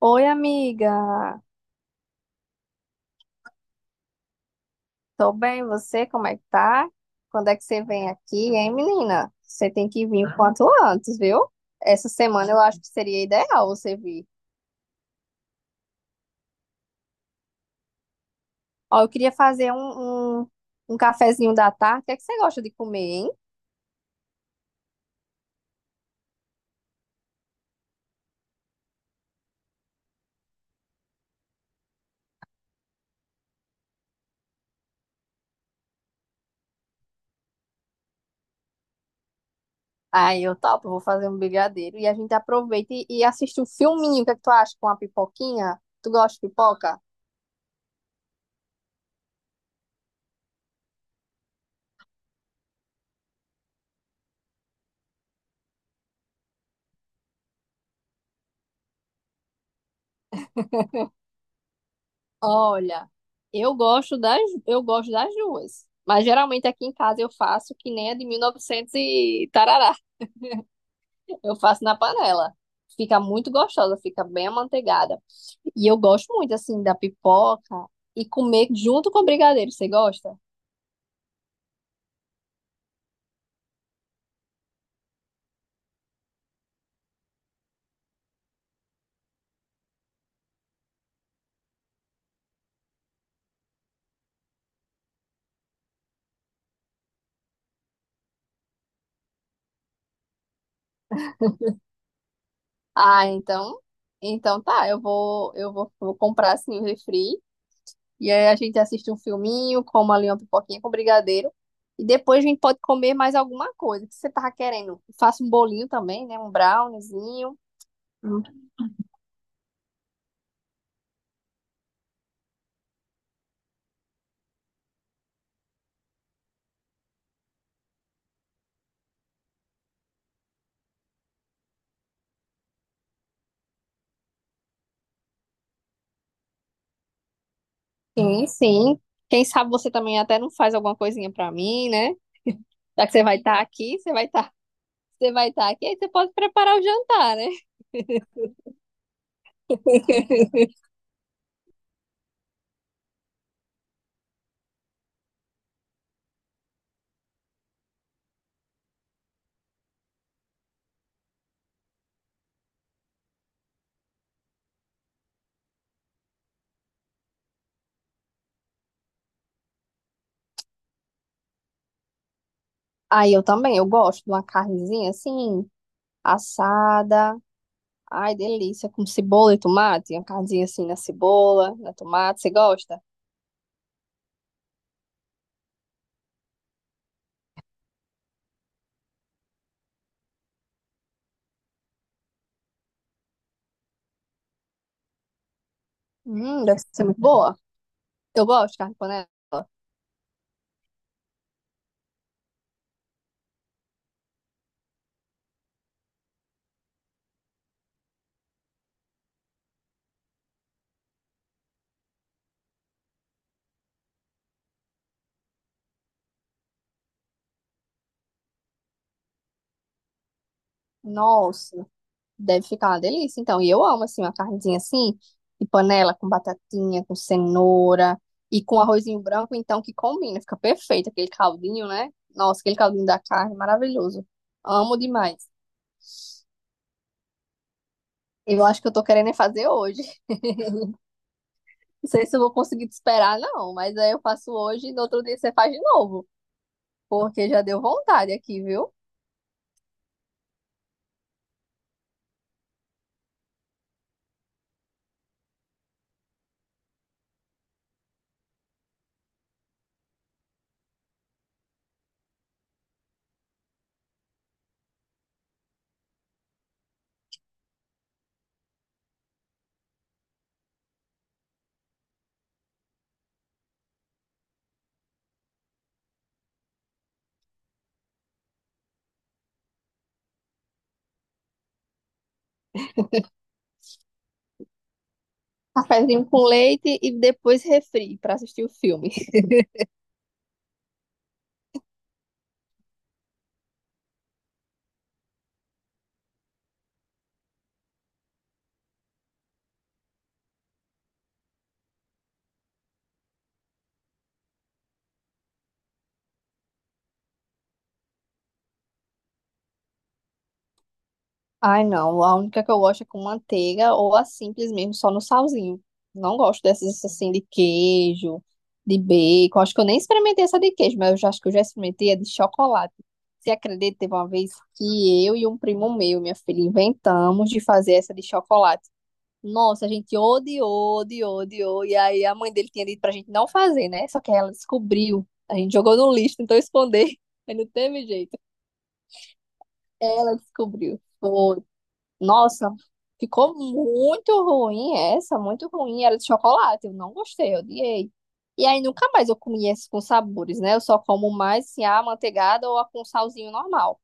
Oi, amiga. Tô bem, você? Como é que tá? Quando é que você vem aqui, hein, menina? Você tem que vir o quanto antes, viu? Essa semana eu acho que seria ideal você vir. Ó, eu queria fazer um cafezinho da tarde. O que é que você gosta de comer, hein? Aí eu topo, vou fazer um brigadeiro e a gente aproveita e assiste um filminho. O que é que tu acha com a pipoquinha? Tu gosta de pipoca? Olha, eu gosto das, eu gosto das duas. Mas geralmente aqui em casa eu faço que nem a de 1900 e tarará. Eu faço na panela. Fica muito gostosa, fica bem amanteigada. E eu gosto muito, assim, da pipoca e comer junto com o brigadeiro. Você gosta? Ah, então, então tá. Vou comprar, assim, o refri. E aí a gente assiste um filminho, come ali uma pipoquinha com brigadeiro. E depois a gente pode comer mais alguma coisa. O que você tava querendo? Faça um bolinho também, né? Um browniezinho. Hum. Sim, sim. Quem sabe você também até não faz alguma coisinha pra mim, né? Já que você vai estar aqui, você vai estar aqui, aí você pode preparar o jantar, né? Aí eu também, eu gosto de uma carnezinha assim, assada. Ai, delícia, com cebola e tomate, uma carnezinha assim na cebola, na tomate, você gosta? Deve ser muito boa. Eu gosto de carne de panela. Nossa, deve ficar uma delícia. Então, e eu amo assim uma carnezinha assim, de panela com batatinha, com cenoura e com arrozinho branco, então que combina, fica perfeito aquele caldinho, né? Nossa, aquele caldinho da carne, maravilhoso. Amo demais. Eu acho que eu tô querendo é fazer hoje. Não sei se eu vou conseguir te esperar, não, mas aí eu faço hoje e no outro dia você faz de novo, porque já deu vontade aqui, viu? Cafezinho com leite e depois refri pra assistir o filme. Ai, não. A única que eu gosto é com manteiga ou a simples mesmo, só no salzinho. Não gosto dessas assim de queijo, de bacon. Acho que eu nem experimentei essa de queijo, mas eu já acho que eu já experimentei a de chocolate. Você acredita, teve uma vez que eu e um primo meu, minha filha, inventamos de fazer essa de chocolate. Nossa, a gente odiou, odiou, odiou. E aí a mãe dele tinha dito pra gente não fazer, né? Só que aí ela descobriu. A gente jogou no lixo, tentou esconder, mas não teve jeito. Ela descobriu. Foi. Nossa, ficou muito ruim essa, muito ruim. Era de chocolate, eu não gostei, eu odiei. E aí nunca mais eu comi esses com sabores, né? Eu só como mais assim, a amanteigada ou a com salzinho normal,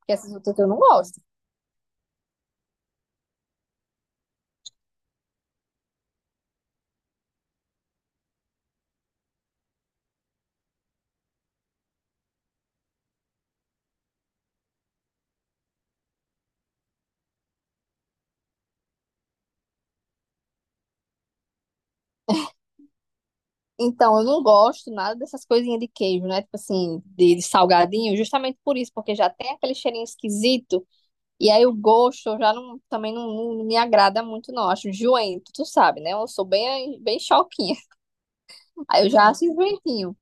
porque essas outras eu não gosto. Então, eu não gosto nada dessas coisinhas de queijo, né? Tipo assim, de salgadinho, justamente por isso, porque já tem aquele cheirinho esquisito. E aí o gosto eu já não, também não, não me agrada muito, não. Acho enjoento, tu sabe, né? Eu sou bem choquinha. Aí eu já acho enjoentinho.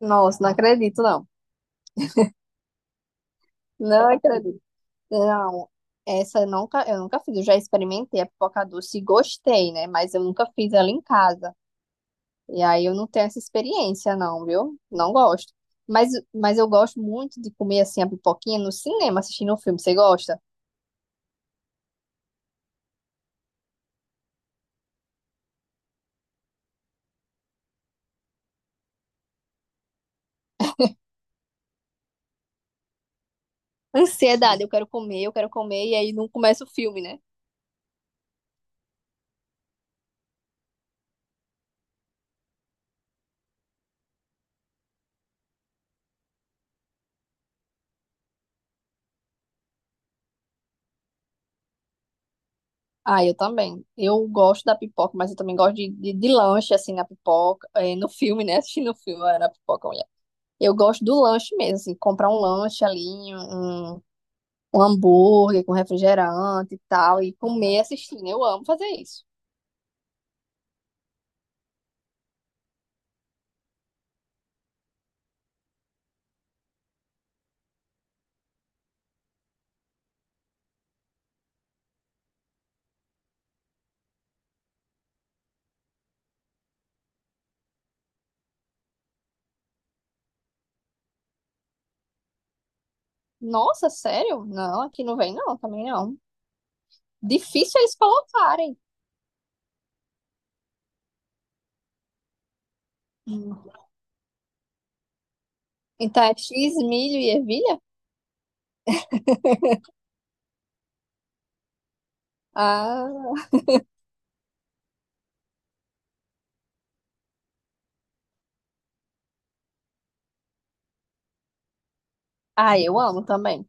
Nossa, não acredito, não. Não acredito. Não, essa eu nunca fiz. Eu já experimentei a pipoca doce e gostei, né? Mas eu nunca fiz ela em casa. E aí eu não tenho essa experiência, não, viu? Não gosto. Mas eu gosto muito de comer assim a pipoquinha no cinema, assistindo um filme. Você gosta? Ansiedade, eu quero comer, e aí não começa o filme, né? Ah, eu também. Eu gosto da pipoca, mas eu também gosto de lanche, assim, na pipoca, no filme, né? Assistindo o filme, ah, na pipoca, eu gosto do lanche mesmo, assim, comprar um lanche ali, um, um hambúrguer com refrigerante e tal, e comer assistindo. Eu amo fazer isso. Nossa, sério? Não, aqui não vem não, também não. Difícil é eles colocarem. Hum. Então é X, milho e ervilha? Ah, ah, eu amo também.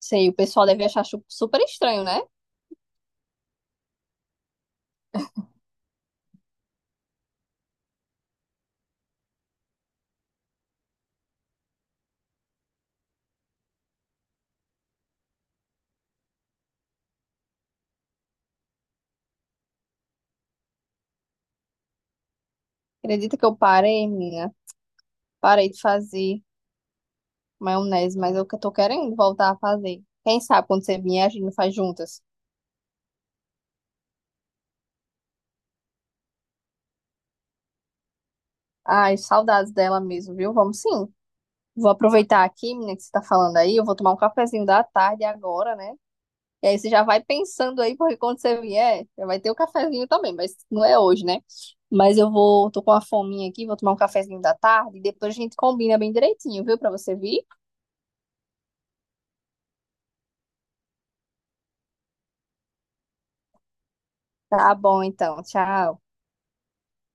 Sei, o pessoal deve achar chu- super estranho, né? Acredita que eu parei, minha? Parei de fazer maionese, mas eu que tô querendo voltar a fazer. Quem sabe quando você vier, a gente faz juntas. Ai, saudades dela mesmo, viu? Vamos sim. Vou aproveitar aqui, menina, que você tá falando aí. Eu vou tomar um cafezinho da tarde agora, né? E aí você já vai pensando aí, porque quando você vier, já vai ter o cafezinho também, mas não é hoje, né? Mas eu vou, tô com uma fominha aqui, vou tomar um cafezinho da tarde e depois a gente combina bem direitinho, viu? Pra você vir. Tá bom, então. Tchau.